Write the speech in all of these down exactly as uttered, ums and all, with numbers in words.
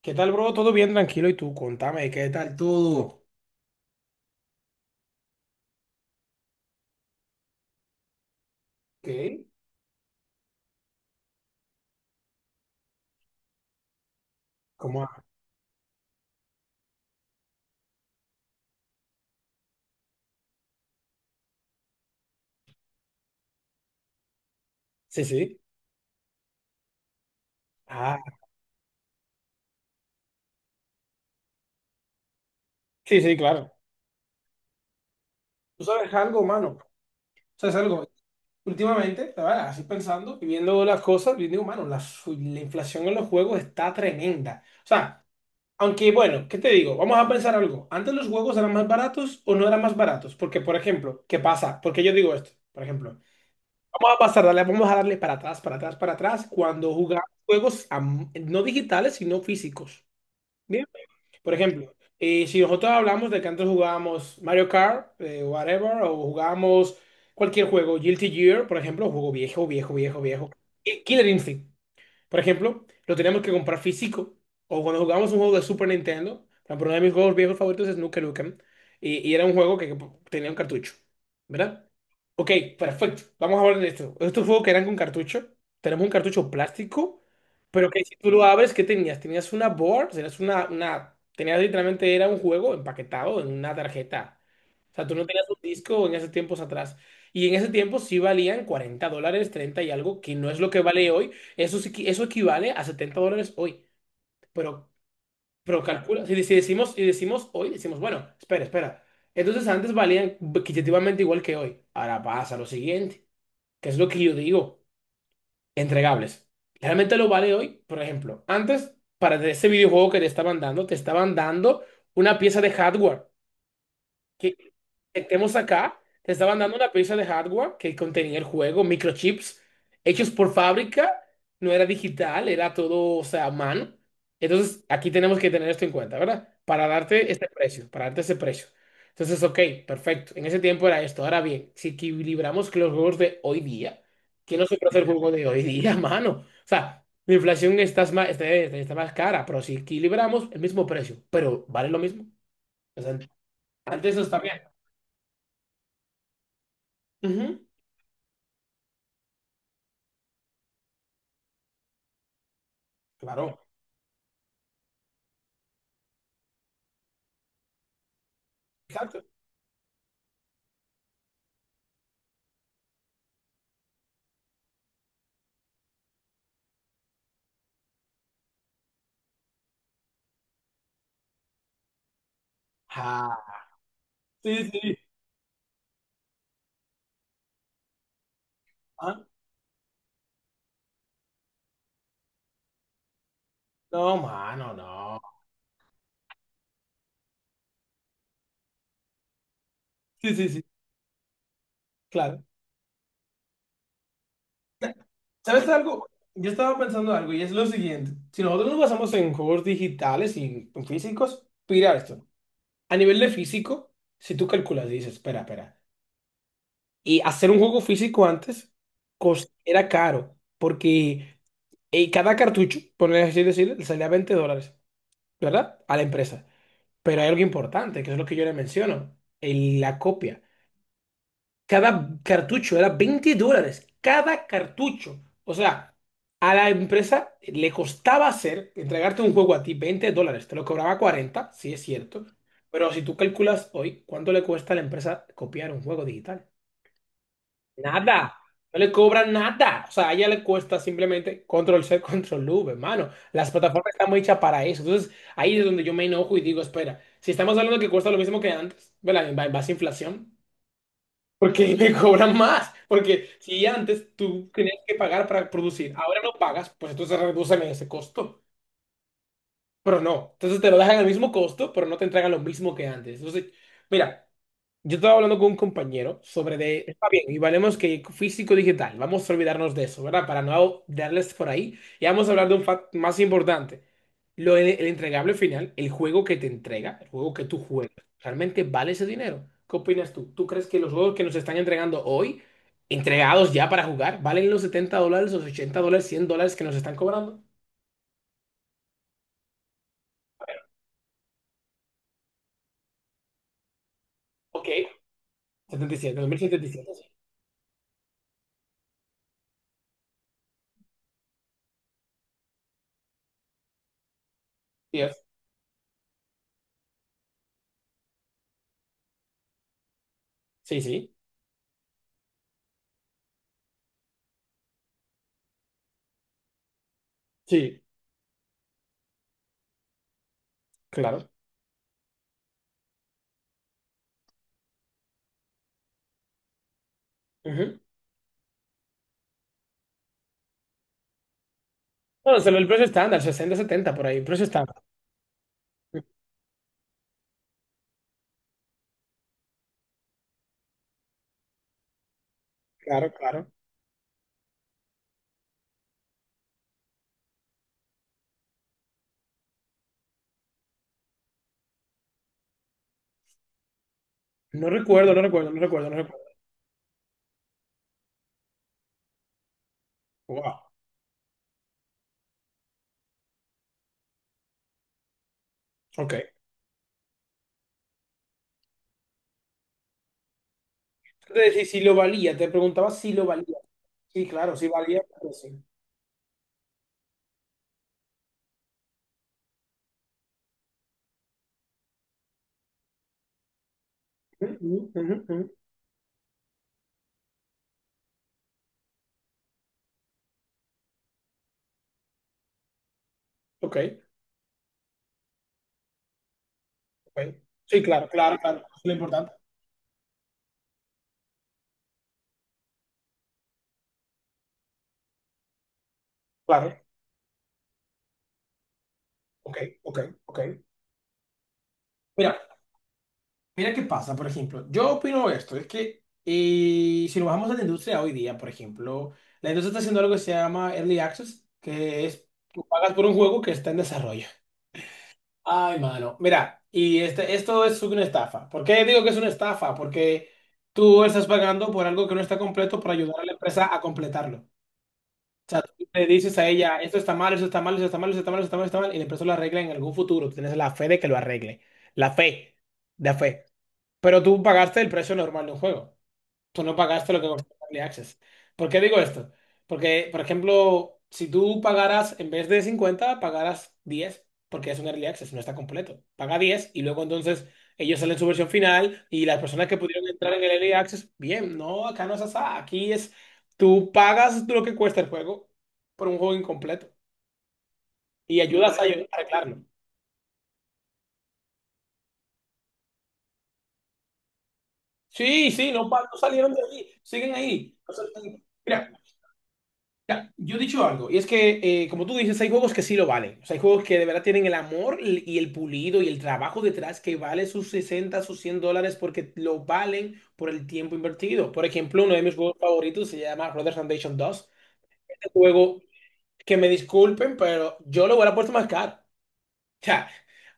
¿Qué tal, bro? Todo bien, tranquilo. ¿Y tú? Contame, ¿qué tal todo? Ok. ¿Cómo va? Sí, sí. Ah, sí, sí, claro. ¿Tú sabes algo, mano? ¿Sabes algo? Últimamente, la verdad, así pensando y viendo las cosas, yo digo, mano, la, su- la inflación en los juegos está tremenda. O sea, aunque, bueno, ¿qué te digo? Vamos a pensar algo. ¿Antes los juegos eran más baratos o no eran más baratos? Porque, por ejemplo, ¿qué pasa? Porque yo digo esto, por ejemplo. Vamos a pasar, dale, vamos a darle para atrás, para atrás, para atrás, cuando jugaba juegos am- no digitales, sino físicos. Bien. Por ejemplo, eh, si nosotros hablamos de que antes jugábamos Mario Kart, eh, whatever, o jugábamos cualquier juego, Guilty Gear, por ejemplo, juego viejo, viejo, viejo, viejo. Y Killer Instinct. Por ejemplo, lo teníamos que comprar físico. O cuando jugábamos un juego de Super Nintendo, por ejemplo, uno de mis juegos viejos favoritos es Nuke Nukem. Y, y era un juego que, que tenía un cartucho. ¿Verdad? Ok, perfecto. Vamos a hablar de esto. Estos juegos que eran con cartucho. Tenemos un cartucho plástico, pero que si tú lo abres, ¿qué tenías? Tenías una board, tenías una, una, tenías literalmente, era un juego empaquetado en una tarjeta. O sea, tú no tenías un disco en esos tiempos atrás. Y en ese tiempo sí valían cuarenta dólares, treinta y algo, que no es lo que vale hoy. Eso, sí que- eso equivale a setenta dólares hoy. Pero, pero calcula, si, si decimos, si decimos hoy, decimos, bueno, espera, espera. Entonces antes valían equitativamente igual que hoy. Ahora pasa lo siguiente, que es lo que yo digo, entregables. Realmente lo vale hoy, por ejemplo, antes para ese videojuego que te estaban dando, te estaban dando una pieza de hardware que estemos acá, te estaban dando una pieza de hardware que contenía el juego, microchips hechos por fábrica, no era digital, era todo, o sea, a mano. Entonces, aquí tenemos que tener esto en cuenta, ¿verdad? Para darte este precio, para darte ese precio. Entonces, ok, perfecto. En ese tiempo era esto. Ahora bien, si equilibramos con los juegos de hoy día, ¿quién no se puede hacer juego de hoy día, mano? O sea, la inflación está más, está, está más cara, pero si equilibramos el mismo precio, pero vale lo mismo. O sea, antes eso está bien. Ujú, claro, exacto. Ah, sí, sí. Ah, no, mano, no. Sí, sí, sí, claro. ¿Sabes algo? Yo estaba pensando algo y es lo siguiente. Si nosotros nos basamos en juegos digitales y en físicos, mira esto. A nivel de físico, si tú calculas y dices, espera, espera. Y hacer un juego físico antes cos- era caro porque eh, cada cartucho, por así decirlo, le salía veinte dólares, ¿verdad? A la empresa. Pero hay algo importante, que es lo que yo le menciono, el- la copia. Cada cartucho era veinte dólares, cada cartucho. O sea, a la empresa le costaba hacer, entregarte un juego a ti veinte dólares, te lo cobraba cuarenta, sí es cierto, pero si tú calculas hoy cuánto le cuesta a la empresa copiar un juego digital, nada, no le cobran nada. O sea, a ella le cuesta simplemente control C, control V, hermano. Las plataformas están muy hechas para eso. Entonces, ahí es donde yo me enojo y digo, espera, si estamos hablando que cuesta lo mismo que antes, ¿verdad? En base a inflación. Porque me cobran más. Porque si antes tú tenías que pagar para producir, ahora no pagas, pues entonces reducen ese costo. Pero no. Entonces te lo dejan al mismo costo, pero no te entregan lo mismo que antes. Entonces, mira, yo estaba hablando con un compañero sobre de, está bien, y valemos que físico digital, vamos a olvidarnos de eso, ¿verdad? Para no darles por ahí, y vamos a hablar de un fact más importante. Lo, el, el entregable final, el juego que te entrega, el juego que tú juegas, ¿realmente vale ese dinero? ¿Qué opinas tú? ¿Tú crees que los juegos que nos están entregando hoy, entregados ya para jugar, valen los setenta dólares, los ochenta dólares, cien dólares que nos están cobrando? Ok, setenta y siete, dos mil setenta y siete, sí. Yes. Sí, sí, sí, claro. No, solo el precio estándar, sesenta, setenta por ahí, precio estándar. Claro, claro. No recuerdo, no recuerdo, no recuerdo, no recuerdo. Wow, ok. Entonces, si, si lo valía, te preguntaba si lo valía. Sí, claro, si valía. Pues sí. Ujú, ujú, ujú. Ok, ok. Sí, claro, claro, claro. Eso es lo importante. Claro, ok, ok, ok. Mira, mira qué pasa, por ejemplo. Yo opino esto, es que eh, si nos bajamos a la industria hoy día, por ejemplo, la industria está haciendo algo que se llama Early Access, que es tú pagas por un juego que está en desarrollo. Ay, mano. Mira, y este, esto es una estafa. ¿Por qué digo que es una estafa? Porque tú estás pagando por algo que no está completo para ayudar a la empresa a completarlo. O sea, tú le dices a ella, esto está mal, esto está mal, esto está mal, esto está mal, esto está mal, esto está mal, y la empresa lo arregla en algún futuro. Tú tienes la fe de que lo arregle. La fe, de fe. Pero tú pagaste el precio normal de un juego. Tú no pagaste lo que costó el Early Access. ¿Por qué digo esto? Porque, por ejemplo, si tú pagaras, en vez de cincuenta pagaras diez porque es un Early Access, no está completo. Paga diez y luego entonces ellos salen su versión final y las personas que pudieron entrar en el Early Access, bien, no, acá no es así. Aquí es, tú pagas lo que cuesta el juego por un juego incompleto y ayudas a a arreglarlo. Sí, sí, no, pa- no salieron de ahí, siguen ahí. No se- Mira, Mira, yo he dicho algo, y es que, eh, como tú dices, hay juegos que sí lo valen. O sea, hay juegos que de verdad tienen el amor l- y el pulido y el trabajo detrás que vale sus sesenta sus cien dólares porque lo valen por el tiempo invertido. Por ejemplo, uno de mis juegos favoritos se llama Red Dead Redemption dos. El juego, que me disculpen, pero yo lo hubiera puesto más caro. O sea,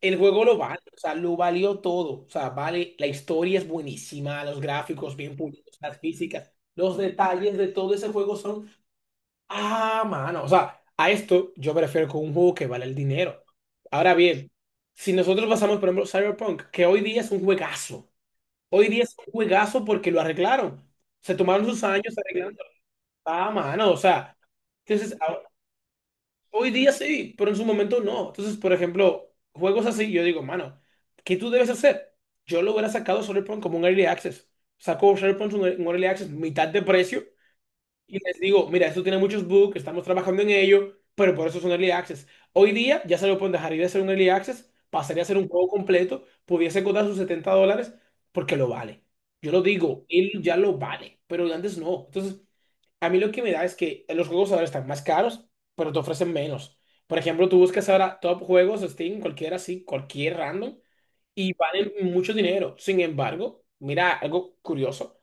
el juego lo vale, o sea, lo valió todo. O sea, vale, la historia es buenísima, los gráficos bien pulidos, las físicas, los detalles de todo ese juego son. Ah, mano. O sea, a esto yo prefiero con un juego que vale el dinero. Ahora bien, si nosotros pasamos, por ejemplo, Cyberpunk, que hoy día es un juegazo. Hoy día es un juegazo porque lo arreglaron. Se tomaron sus años arreglando. Ah, mano. O sea, entonces, a- hoy día sí, pero en su momento no. Entonces, por ejemplo, juegos así, yo digo, mano, ¿qué tú debes hacer? Yo lo hubiera sacado Cyberpunk como un early access. Saco Cyberpunk un un early access, mitad de precio. Y les digo, mira, esto tiene muchos bugs, estamos trabajando en ello, pero por eso es un early access. Hoy día ya se lo pueden dejar ir de ser un early access, pasaría a ser un juego completo, pudiese costar sus setenta dólares porque lo vale. Yo lo digo, él ya lo vale, pero antes no. Entonces, a mí lo que me da es que los juegos ahora están más caros, pero te ofrecen menos. Por ejemplo, tú buscas ahora top juegos, Steam, cualquiera así, cualquier random, y valen mucho dinero. Sin embargo, mira, algo curioso.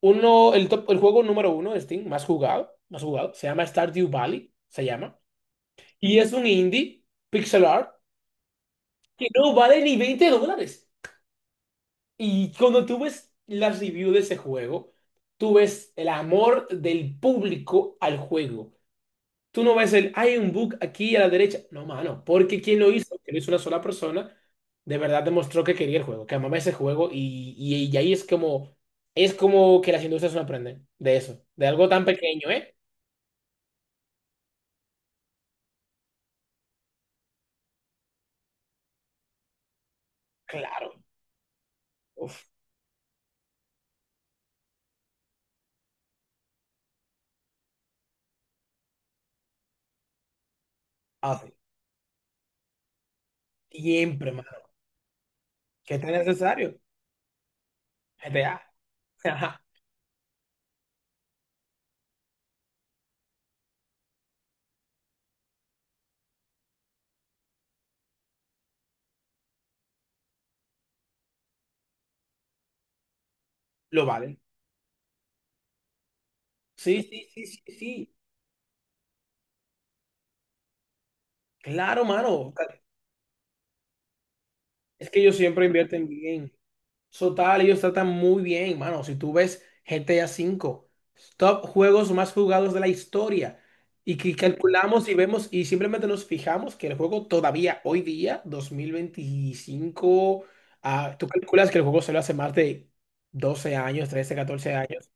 Uno, el top- el juego número uno de Steam, más jugado, más jugado, se llama Stardew Valley, se llama. Y es un indie, pixel art, que no vale ni veinte dólares. Y cuando tú ves las reviews de ese juego, tú ves el amor del público al juego. Tú no ves el, hay un bug aquí a la derecha. No, mano, porque quien lo hizo, que lo hizo una sola persona, de verdad demostró que quería el juego, que amaba ese juego. Y, y, y ahí es como, es como que las industrias no aprenden de eso, de algo tan pequeño, ¿eh? Claro, uf, hace siempre, mano. ¿Qué tan necesario? G T A, ajá, lo valen. Sí, sí, sí, sí, sí, claro, mano. Es que ellos siempre invierten bien. Total, ellos tratan muy bien, mano. Si tú ves GTA cinco, top juegos más jugados de la historia, y que calculamos y vemos y simplemente nos fijamos que el juego todavía hoy día, dos mil veinticinco, ah, tú calculas que el juego se lo hace más de doce años, trece, catorce años.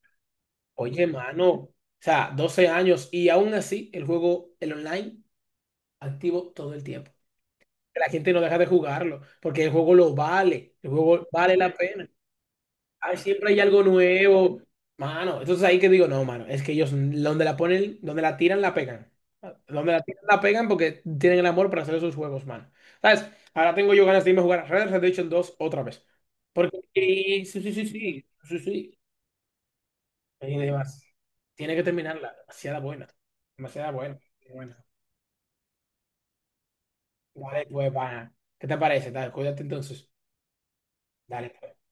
Oye, mano, o sea, doce años y aún así el juego, el online, activo todo el tiempo. La gente no deja de jugarlo porque el juego lo vale, el juego vale la pena. Ay, siempre hay algo nuevo, mano. Entonces ahí que digo, no, mano, es que ellos donde la ponen, donde la tiran, la pegan. Donde la tiran, la pegan porque tienen el amor para hacer esos juegos, mano. ¿Sabes? Ahora tengo yo ganas de irme a jugar a Red Dead Redemption dos otra vez. Porque sí, sí, sí, sí, sí, sí. Y demás. Tiene que terminarla. Demasiada buena. Demasiada buena. Buena, dale, pues, pana. ¿Qué te parece? Dale, cuídate entonces. Dale, pues.